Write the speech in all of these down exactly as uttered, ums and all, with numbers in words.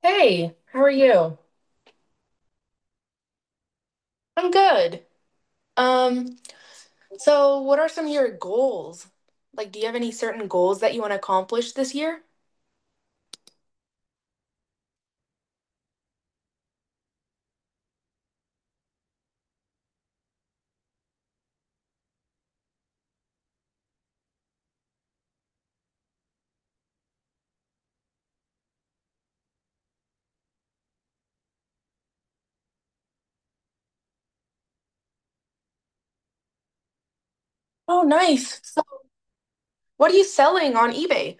Hey, how are you? I'm good. Um, so what are some of your goals? Like, do you have any certain goals that you want to accomplish this year? Oh, nice. So what are you selling on eBay?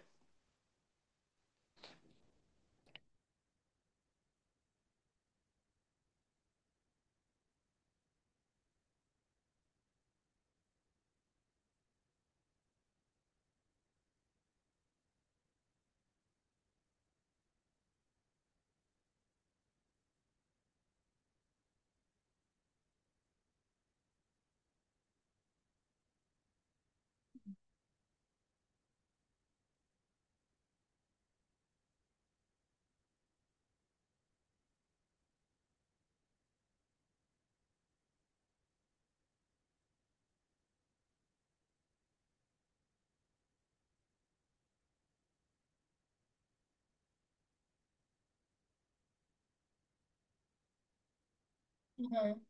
Mhm.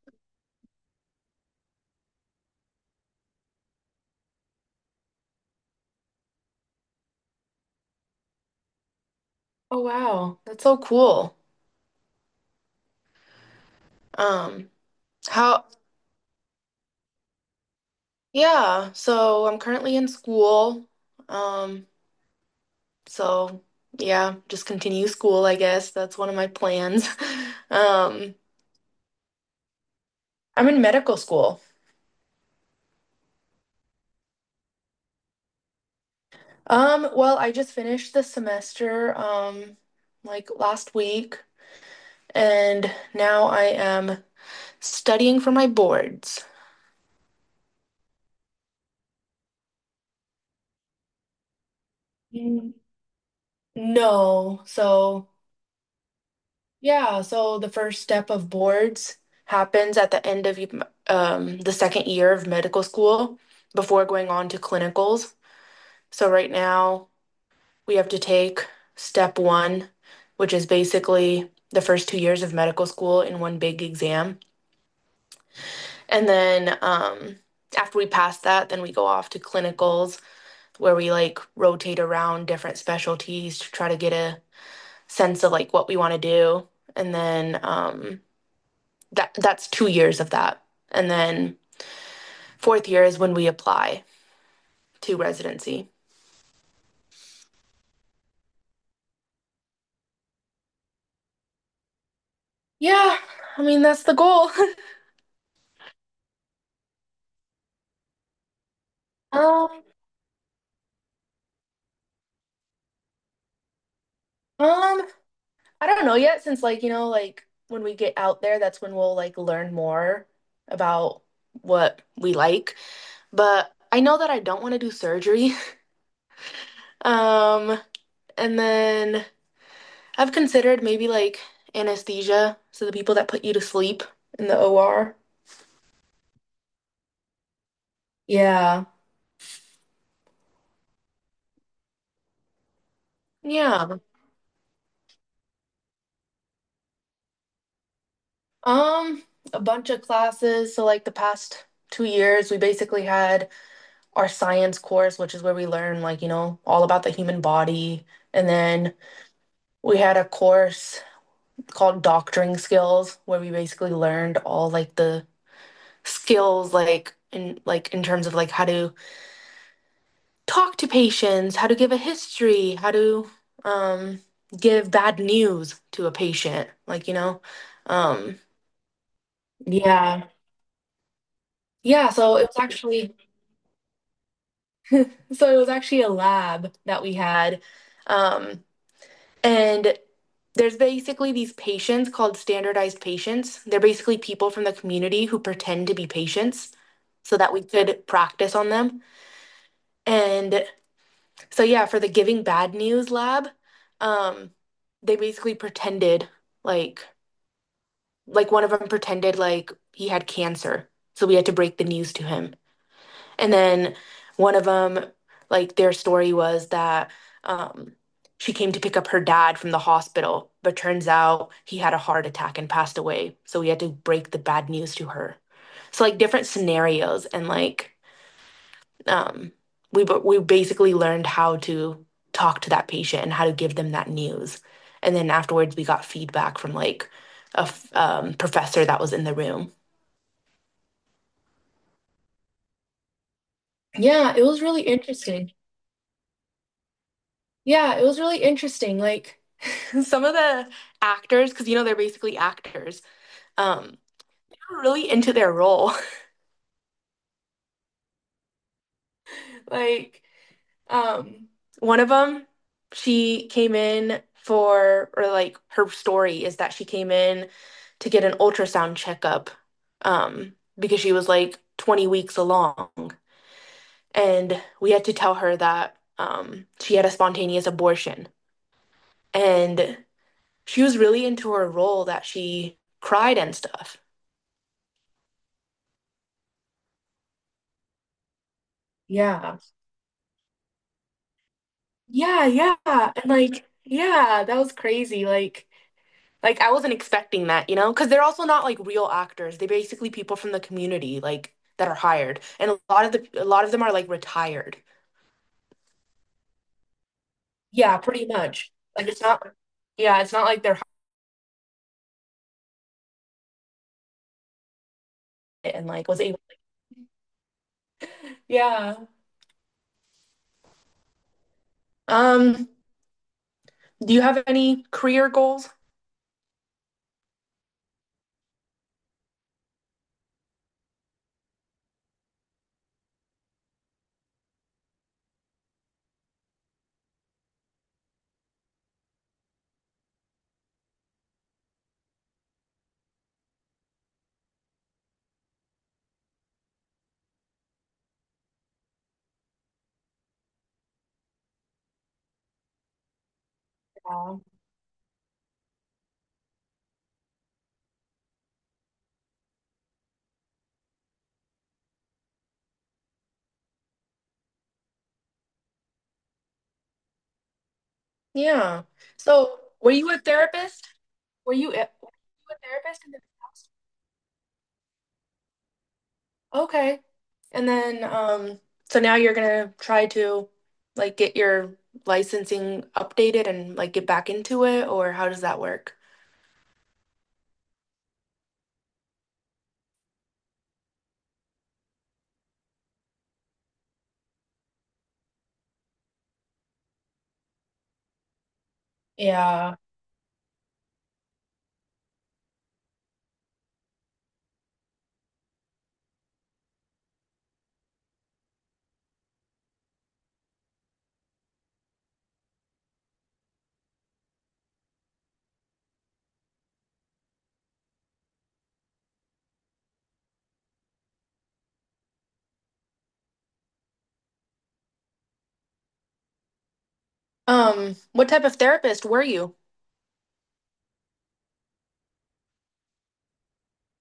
Oh, wow. That's so cool. Um, how, yeah, so I'm currently in school. Um, so yeah, just continue school, I guess. That's one of my plans. Um, I'm in medical school. Um, well, I just finished the semester, um, like last week, and now I am studying for my boards. Mm, No, so Yeah, so the first step of boards happens at the end of um, the second year of medical school before going on to clinicals. So right now we have to take step one, which is basically the first two years of medical school in one big exam. And then um, after we pass that, then we go off to clinicals where we like rotate around different specialties to try to get a sense of like what we want to do. And then um, that that's two years of that. And then fourth year is when we apply to residency. Yeah, I mean that's the goal. Um, um, I don't know yet since like, you know, like when we get out there, that's when we'll like learn more about what we like. But I know that I don't want to do surgery. Um, and then I've considered maybe like anesthesia, so the people that put you to sleep in the O R. Yeah. Yeah. Um, a bunch of classes. So like the past two years, we basically had our science course, which is where we learn like, you know, all about the human body. And then we had a course called doctoring skills, where we basically learned all like the skills like in like in terms of like how to talk to patients, how to give a history, how to um give bad news to a patient, like you know. Um yeah. Yeah, so it was actually so it was actually a lab that we had um and there's basically these patients called standardized patients. They're basically people from the community who pretend to be patients so that we could practice on them. And so yeah, for the Giving Bad News lab, um, they basically pretended like like one of them pretended like he had cancer. So we had to break the news to him. And then one of them, like their story was that um, she came to pick up her dad from the hospital, but turns out he had a heart attack and passed away. So we had to break the bad news to her. So like different scenarios and like um, we we basically learned how to talk to that patient and how to give them that news. And then afterwards, we got feedback from like a um, professor that was in the room. Yeah, it was really interesting. Yeah, it was really interesting. Like, some of the actors, because you know they're basically actors, um, they were really into their role. Like, um, one of them, she came in for, or like her story is that she came in to get an ultrasound checkup, um, because she was like twenty weeks along. And we had to tell her that, um, she had a spontaneous abortion. And she was really into her role that she cried and stuff. Yeah. Yeah, yeah. And like, yeah, that was crazy. Like, Like I wasn't expecting that, you know, because they're also not like real actors. They're basically people from the community, like that are hired, and a lot of the a lot of them are like retired. Yeah, pretty much. Like it's not. Yeah, it's not like they're hired and like was able. Yeah. Um. Do you have any career goals? Yeah. Yeah. So, were you a therapist? Were you a, were you a therapist in the past? Okay. And then, um, so now you're gonna try to like get your licensing updated and like get back into it, or how does that work? Yeah. Um, what type of therapist were you?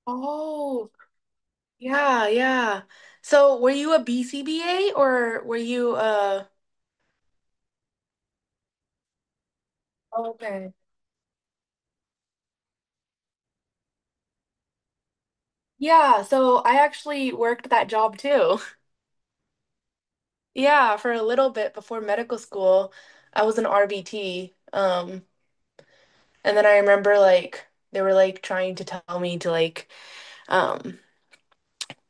Oh, yeah, yeah. So were you a B C B A or were you a okay. Yeah, so I actually worked that job too. Yeah, for a little bit before medical school, I was an R B T. Um, And then I remember like they were like trying to tell me to like um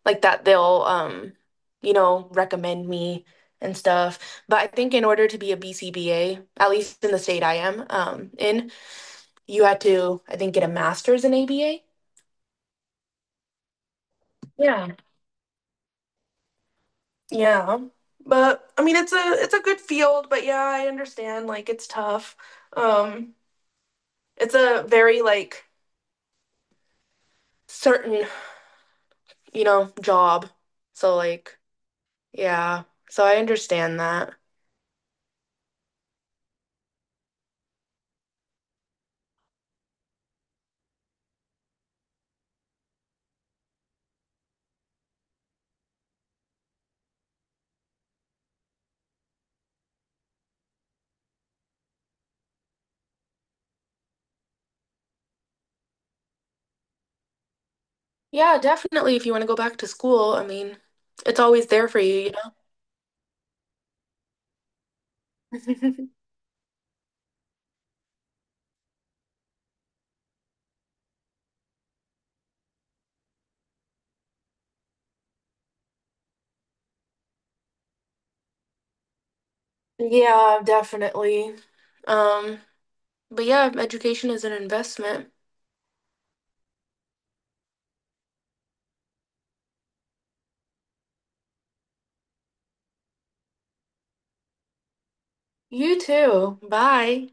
like that they'll um you know recommend me and stuff. But I think in order to be a B C B A, at least in the state I am um in, you had to I think get a master's in A B A. Yeah. Yeah. But I mean it's a it's a good field, but yeah, I understand like it's tough. Um it's a very like certain, you know, job. So like yeah. So I understand that. Yeah, definitely. If you want to go back to school, I mean, it's always there for you, you know? Yeah, definitely. Um, but yeah, education is an investment. You too. Bye.